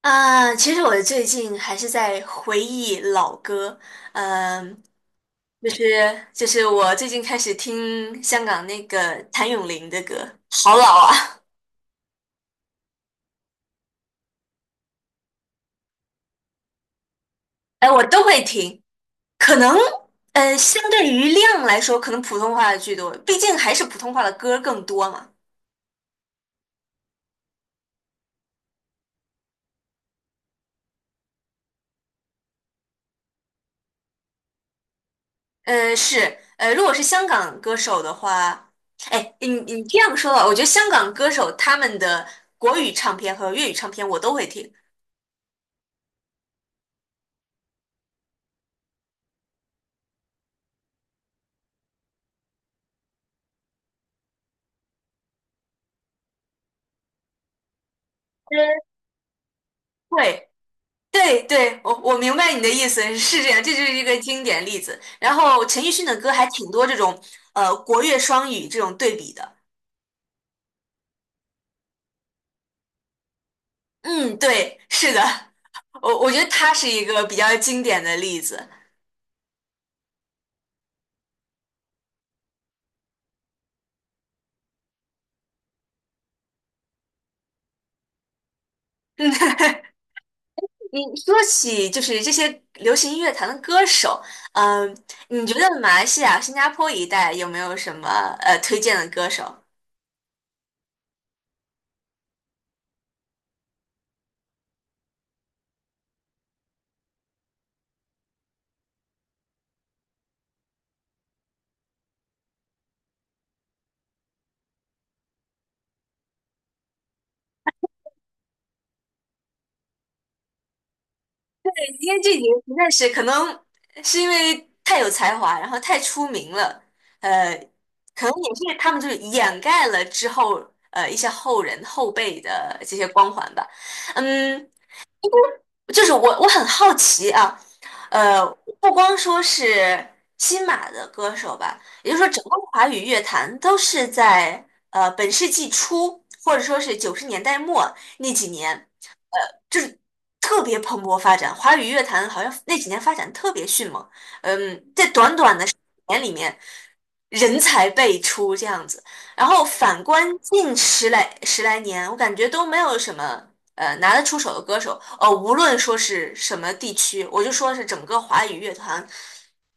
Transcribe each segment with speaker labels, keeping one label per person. Speaker 1: 啊，其实我最近还是在回忆老歌，嗯，就是我最近开始听香港那个谭咏麟的歌，好老啊。哎，我都会听，可能相对于量来说，可能普通话的居多，毕竟还是普通话的歌更多嘛。是，如果是香港歌手的话，哎，你这样说吧，我觉得香港歌手他们的国语唱片和粤语唱片我都会听。嗯，会。对对，我明白你的意思，是这样，这就是一个经典例子。然后陈奕迅的歌还挺多这种，国乐双语这种对比的。嗯，对，是的，我觉得他是一个比较经典的例子。你说起就是这些流行音乐坛的歌手，嗯、你觉得马来西亚、新加坡一带有没有什么推荐的歌手？因为这几个实在是可能是因为太有才华，然后太出名了，呃，可能也是他们就是掩盖了之后一些后人后辈的这些光环吧。嗯，就是我很好奇啊，呃，不光说是新马的歌手吧，也就是说，整个华语乐坛都是在本世纪初或者说是九十年代末那几年，呃，就是特别蓬勃发展。华语乐坛好像那几年发展特别迅猛，嗯，在短短的十年里面，人才辈出这样子。然后反观近十来年，我感觉都没有什么。拿得出手的歌手，呃，无论说是什么地区，我就说是整个华语乐团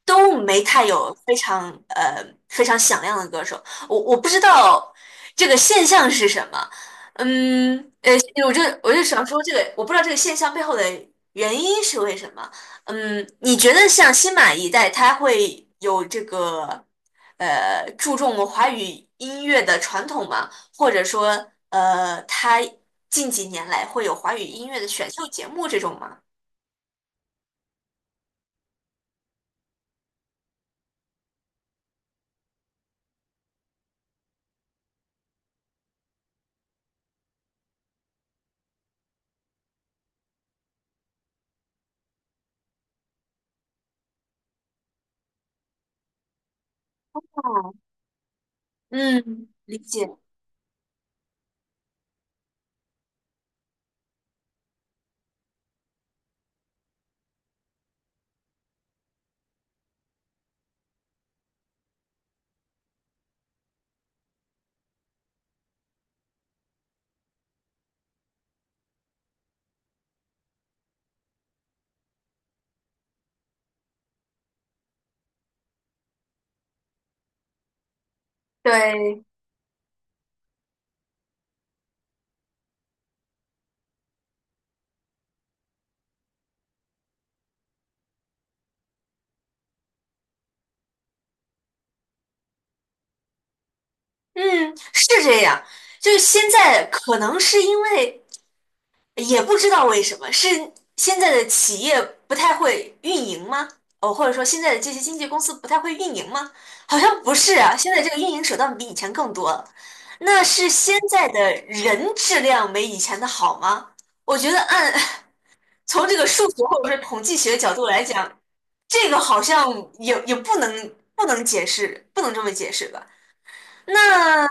Speaker 1: 都没太有非常非常响亮的歌手。我不知道这个现象是什么，嗯，我就想说这个，我不知道这个现象背后的原因是为什么。嗯，你觉得像新马一代，他会有这个注重华语音乐的传统吗？或者说他近几年来会有华语音乐的选秀节目这种吗？嗯，理解。对，嗯，是这样。就是现在可能是因为也不知道为什么，是现在的企业不太会运营吗？哦，或者说现在的这些经纪公司不太会运营吗？好像不是啊，现在这个运营手段比以前更多了。那是现在的人质量没以前的好吗？我觉得按 从这个数学或者是统计学角度来讲，这个好像也不能解释，不能这么解释吧？那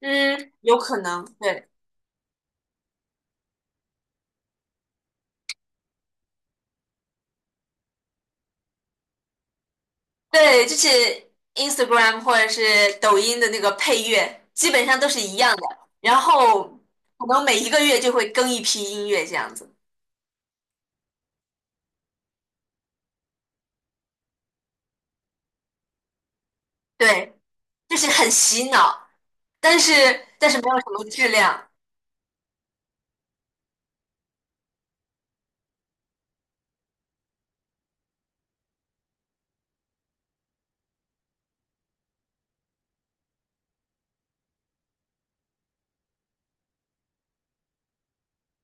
Speaker 1: 嗯，有可能，对对，就是 Instagram 或者是抖音的那个配乐，基本上都是一样的，然后可能每一个月就会更一批音乐这样子，对，就是很洗脑，但是没有什么质量。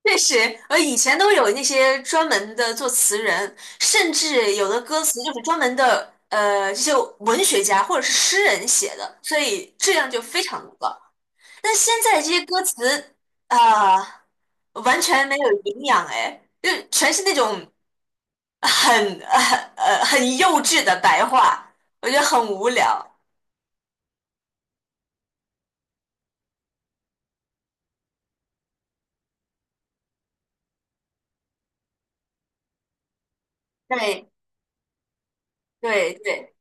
Speaker 1: 确实，以前都有那些专门的作词人，甚至有的歌词就是专门的，呃，这些文学家或者是诗人写的，所以质量就非常的高。但现在这些歌词，啊、完全没有营养，哎，就全是那种很很幼稚的白话，我觉得很无聊。对对对，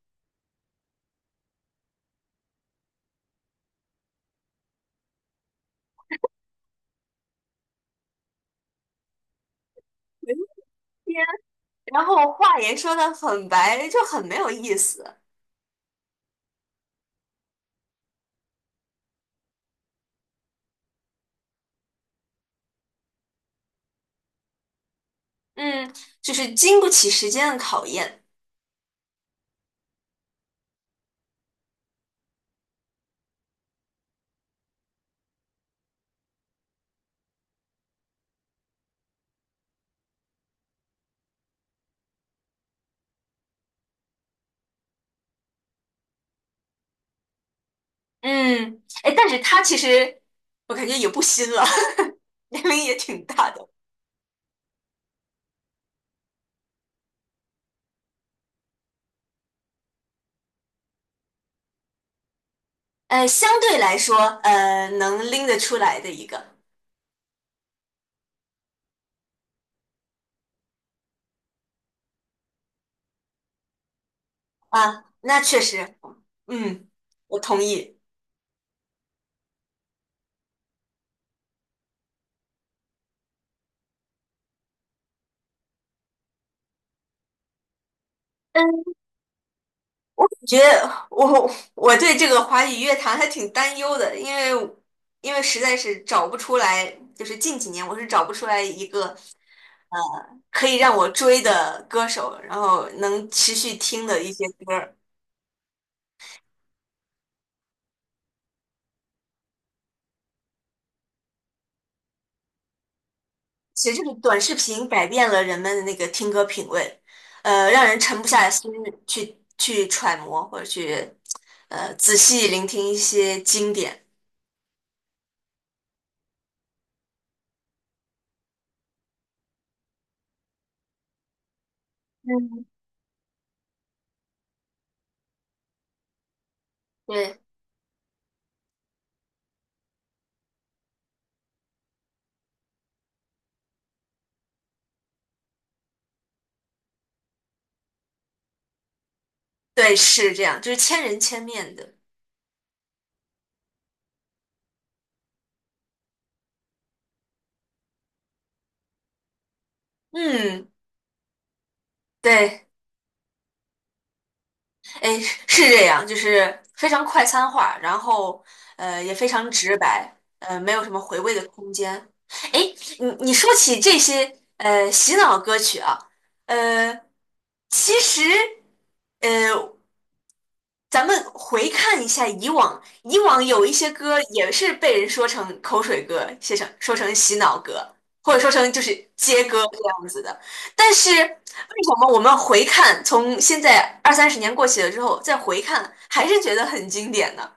Speaker 1: 文天然后话也说的很白，就很没有意思。嗯，就是经不起时间的考验。嗯，哎，但是他其实我感觉也不新了，年龄也挺大的。相对来说，能拎得出来的一个啊，那确实，嗯，我同意。嗯。觉得我我对这个华语乐坛还挺担忧的，因为因为实在是找不出来，就是近几年我是找不出来一个可以让我追的歌手，然后能持续听的一些歌儿。其实这个短视频改变了人们的那个听歌品味，让人沉不下心去去揣摩或者去仔细聆听一些经典。嗯，对对，是这样，就是千人千面的。嗯。对，哎，是这样，就是非常快餐化，然后也非常直白，没有什么回味的空间。哎，你说起这些洗脑歌曲啊，呃，其实呃咱们回看一下以往，以往有一些歌也是被人说成口水歌，写成说成洗脑歌，或者说成就是接歌这样子的。但是为什么我们回看，从现在二三十年过去了之后再回看，还是觉得很经典呢？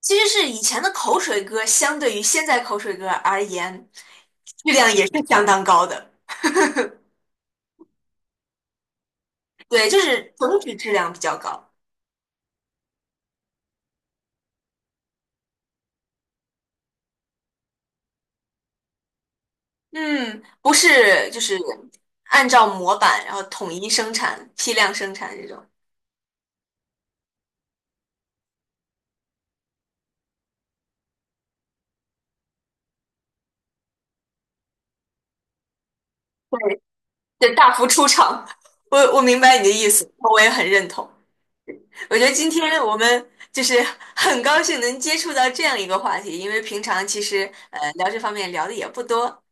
Speaker 1: 其实是以前的口水歌，相对于现在口水歌而言，质量也是相当高的。对，就是整体质量比较高。嗯，不是，就是按照模板，然后统一生产、批量生产这种，对，对，大幅出厂。我明白你的意思，我也很认同。我觉得今天我们就是 很高兴能接触到这样一个话题，因为平常其实聊这方面聊的也不多。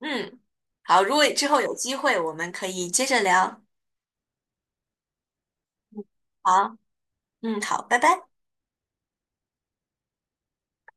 Speaker 1: 嗯，好，如果之后有机会，我们可以接着聊。好，嗯，好，拜拜。